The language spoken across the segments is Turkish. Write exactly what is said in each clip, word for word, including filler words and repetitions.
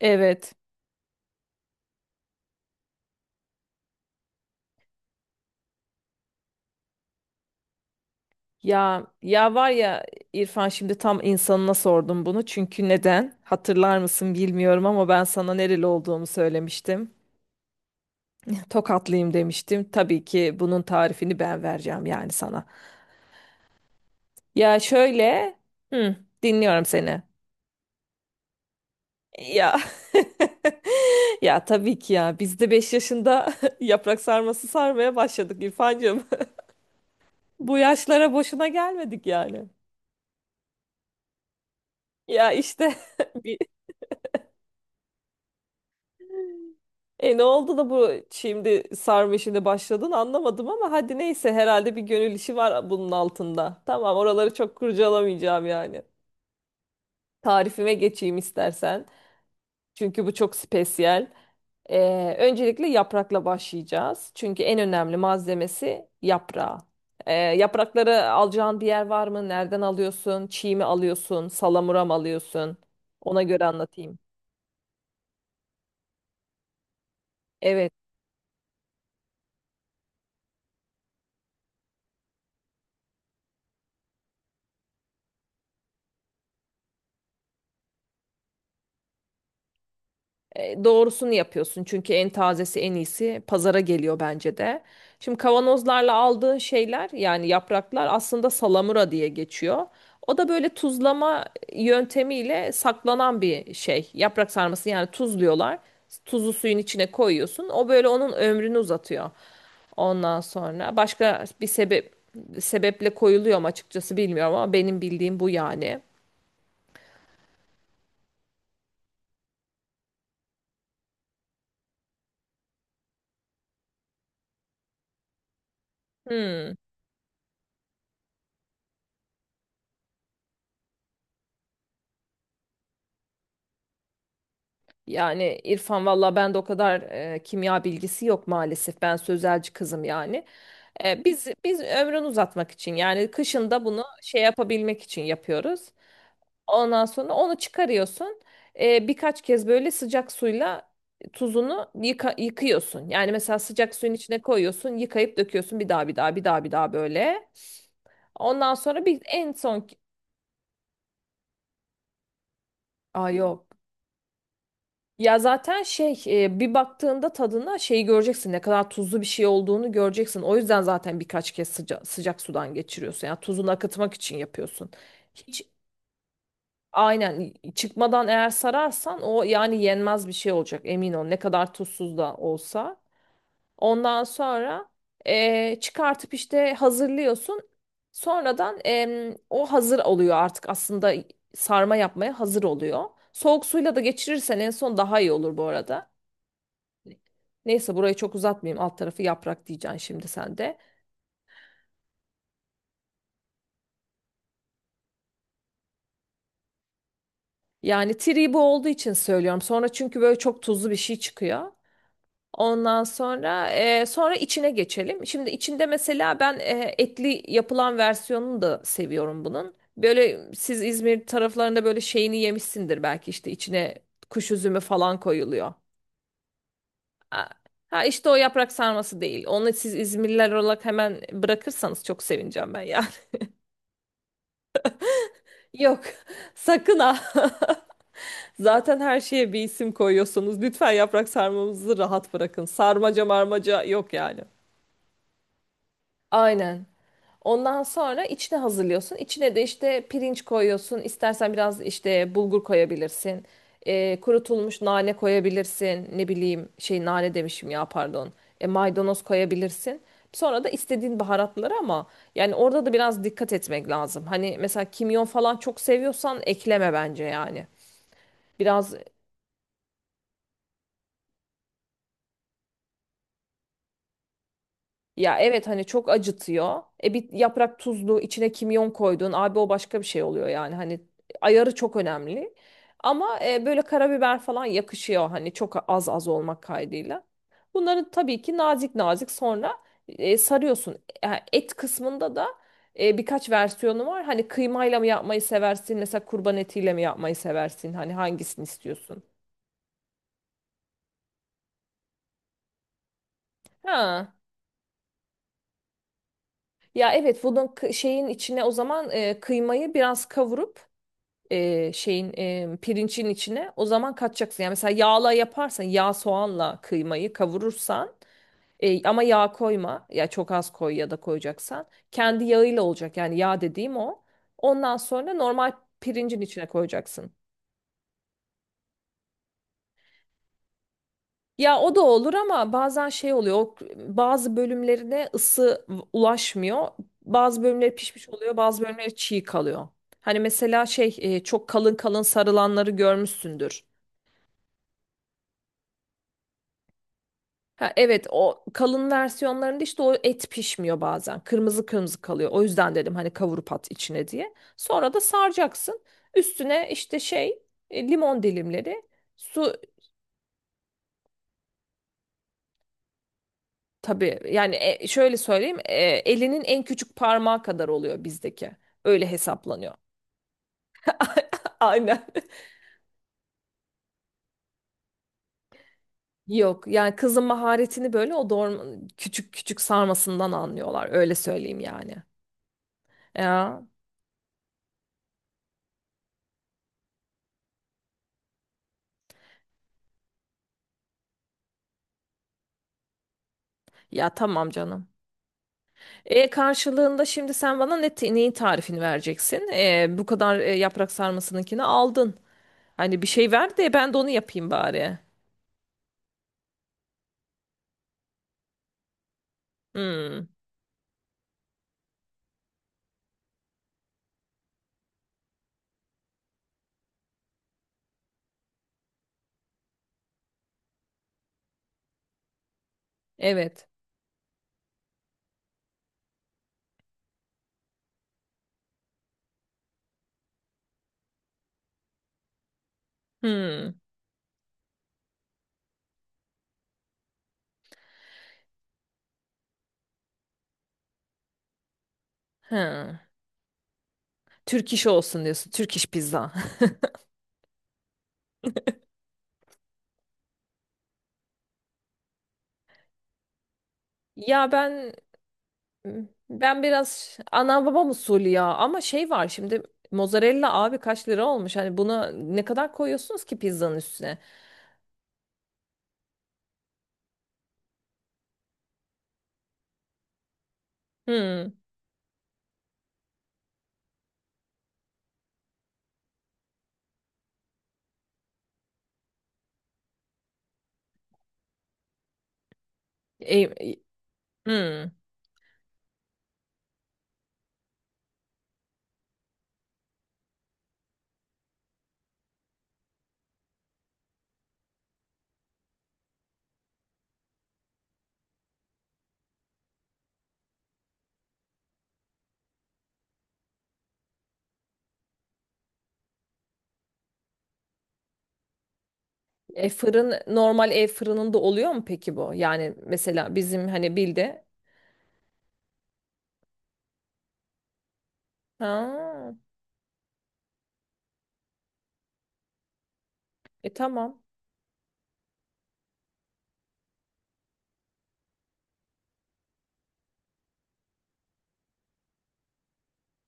Evet. Ya ya var ya İrfan, şimdi tam insanına sordum bunu. Çünkü neden? Hatırlar mısın bilmiyorum ama ben sana nereli olduğumu söylemiştim. Tokatlıyım demiştim. Tabii ki bunun tarifini ben vereceğim yani sana. Ya şöyle, hı, dinliyorum seni. Ya ya tabii ki ya biz de beş yaşında yaprak sarması sarmaya başladık İrfancığım. Bu yaşlara boşuna gelmedik yani. Ya işte bir- E ne oldu da bu şimdi sarma işine başladın anlamadım, ama hadi neyse, herhalde bir gönül işi var bunun altında. Tamam, oraları çok kurcalamayacağım yani. Tarifime geçeyim istersen. Çünkü bu çok spesiyel. Ee, öncelikle yaprakla başlayacağız. Çünkü en önemli malzemesi yaprağı. Ee, yaprakları alacağın bir yer var mı? Nereden alıyorsun? Çiğ mi alıyorsun? Salamura mı alıyorsun? Ona göre anlatayım. Evet. E, Doğrusunu yapıyorsun çünkü en tazesi en iyisi pazara geliyor bence de. Şimdi kavanozlarla aldığın şeyler yani yapraklar aslında salamura diye geçiyor. O da böyle tuzlama yöntemiyle saklanan bir şey. Yaprak sarması yani tuzluyorlar. Tuzu suyun içine koyuyorsun. O böyle onun ömrünü uzatıyor. Ondan sonra başka bir sebep sebeple koyuluyor mu açıkçası bilmiyorum, ama benim bildiğim bu yani. Yani İrfan valla ben de o kadar e, kimya bilgisi yok maalesef. Ben sözelci kızım yani. E, biz biz ömrünü uzatmak için yani kışında bunu şey yapabilmek için yapıyoruz. Ondan sonra onu çıkarıyorsun. E, birkaç kez böyle sıcak suyla tuzunu yıka- yıkıyorsun. Yani mesela sıcak suyun içine koyuyorsun, yıkayıp döküyorsun bir daha bir daha bir daha bir daha böyle. Ondan sonra bir en son. Aa, yok. Ya zaten şey e, bir baktığında tadına şeyi göreceksin, ne kadar tuzlu bir şey olduğunu göreceksin. O yüzden zaten birkaç kez sıca- sıcak sudan geçiriyorsun. Yani tuzunu akıtmak için yapıyorsun. Hiç aynen çıkmadan eğer sararsan o yani yenmez bir şey olacak, emin ol, ne kadar tuzsuz da olsa. Ondan sonra e, çıkartıp işte hazırlıyorsun. Sonradan em, o hazır oluyor artık aslında, sarma yapmaya hazır oluyor. Soğuk suyla da geçirirsen en son daha iyi olur bu arada. Neyse burayı çok uzatmayayım. Alt tarafı yaprak diyeceksin şimdi sen de. Yani tree bu olduğu için söylüyorum. Sonra çünkü böyle çok tuzlu bir şey çıkıyor. Ondan sonra e, sonra içine geçelim. Şimdi içinde mesela ben e, etli yapılan versiyonunu da seviyorum bunun. Böyle siz İzmir taraflarında böyle şeyini yemişsindir belki, işte içine kuş üzümü falan koyuluyor. Ha ha, işte o yaprak sarması değil. Onu siz İzmirliler olarak hemen bırakırsanız çok sevineceğim ben ya. Yok. Sakın ha. Zaten her şeye bir isim koyuyorsunuz. Lütfen yaprak sarmamızı rahat bırakın. Sarmaca marmaca yok yani. Aynen. Ondan sonra içine hazırlıyorsun. İçine de işte pirinç koyuyorsun. İstersen biraz işte bulgur koyabilirsin. Ee, kurutulmuş nane koyabilirsin. Ne bileyim şey nane demişim ya, pardon. E, maydanoz koyabilirsin. Sonra da istediğin baharatları, ama yani orada da biraz dikkat etmek lazım. Hani mesela kimyon falan çok seviyorsan ekleme bence yani. Biraz. Ya, evet hani çok acıtıyor. E bir yaprak tuzlu, içine kimyon koydun. Abi o başka bir şey oluyor yani. Hani ayarı çok önemli. Ama e, böyle karabiber falan yakışıyor hani, çok az az olmak kaydıyla. Bunları tabii ki nazik nazik sonra e, sarıyorsun. E, Et kısmında da e, birkaç versiyonu var. Hani kıymayla mı yapmayı seversin? Mesela kurban etiyle mi yapmayı seversin? Hani hangisini istiyorsun? Ha. Ya evet, bunun kı- şeyin içine, o zaman e, kıymayı biraz kavurup e, şeyin e, pirincin içine o zaman katacaksın. Yani mesela yağla yaparsan yağ soğanla kıymayı kavurursan e, ama yağ koyma ya, çok az koy ya da koyacaksan kendi yağıyla olacak yani, yağ dediğim o. Ondan sonra normal pirincin içine koyacaksın. Ya o da olur, ama bazen şey oluyor, o bazı bölümlerine ısı ulaşmıyor. Bazı bölümleri pişmiş oluyor, bazı bölümleri çiğ kalıyor. Hani mesela şey e, çok kalın kalın sarılanları görmüşsündür. Ha, evet o kalın versiyonlarında işte o et pişmiyor bazen. Kırmızı kırmızı kalıyor. O yüzden dedim hani kavurup at içine diye. Sonra da saracaksın. Üstüne işte şey e, limon dilimleri, su, tabii yani e, şöyle söyleyeyim, e, elinin en küçük parmağı kadar oluyor bizdeki. Öyle hesaplanıyor. Aynen. Yok yani, kızın maharetini böyle o doğru küçük küçük sarmasından anlıyorlar, öyle söyleyeyim yani. Ya ya, tamam canım. E, karşılığında şimdi sen bana ne te- neyin tarifini vereceksin? E, bu kadar e, yaprak sarmasınınkini aldın. Hani bir şey ver de ben de onu yapayım bari. Hmm, evet. Hmm, hı. Türk iş olsun diyorsun. Türk iş pizza. Ya ben ben biraz ana babam usulü ya, ama şey var şimdi, mozzarella abi kaç lira olmuş? Hani buna ne kadar koyuyorsunuz ki pizzanın üstüne? Hmm. E, e, hmm. E, fırın normal ev fırınında oluyor mu peki bu? Yani mesela bizim hani bilde. Ha, e tamam.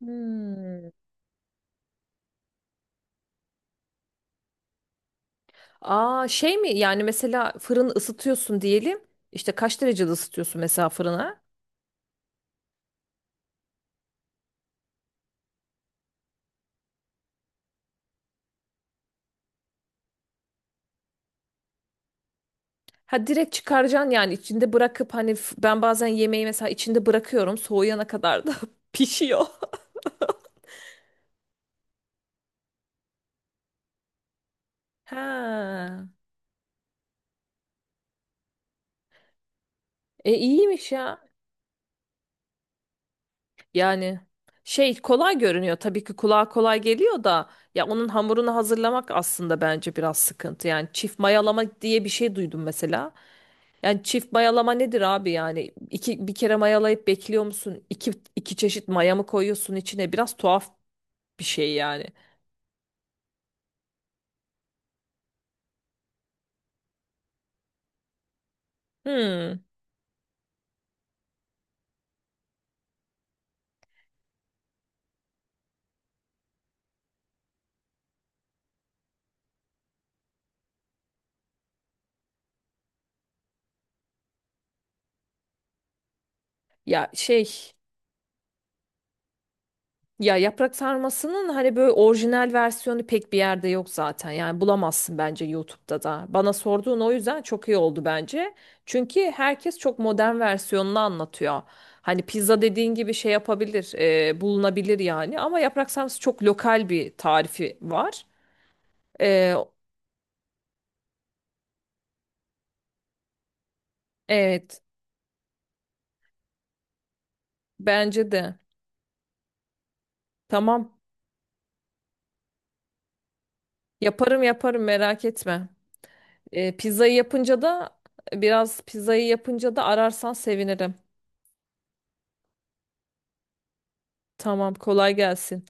Hmm. Aa, şey mi yani, mesela fırını ısıtıyorsun diyelim. İşte kaç derecede ısıtıyorsun mesela fırına? Ha, direkt çıkaracaksın yani içinde bırakıp hani f- ben bazen yemeği mesela içinde bırakıyorum soğuyana kadar da pişiyor. Ha. E iyiymiş ya. Yani şey kolay görünüyor, tabii ki kulağa kolay geliyor da, ya onun hamurunu hazırlamak aslında bence biraz sıkıntı. Yani çift mayalama diye bir şey duydum mesela. Yani çift mayalama nedir abi yani, iki, bir kere mayalayıp bekliyor musun? İki, iki çeşit maya mı koyuyorsun içine? Biraz tuhaf bir şey yani. Hmm. Ya şey Ya yaprak sarmasının hani böyle orijinal versiyonu pek bir yerde yok zaten. Yani bulamazsın bence YouTube'da da. Bana sorduğun o yüzden çok iyi oldu bence. Çünkü herkes çok modern versiyonunu anlatıyor. Hani pizza dediğin gibi şey yapabilir, e, bulunabilir yani. Ama yaprak sarması çok lokal bir tarifi var. E, evet, bence de. Tamam, yaparım yaparım merak etme. E, pizzayı yapınca da biraz pizzayı yapınca da ararsan sevinirim. Tamam, kolay gelsin.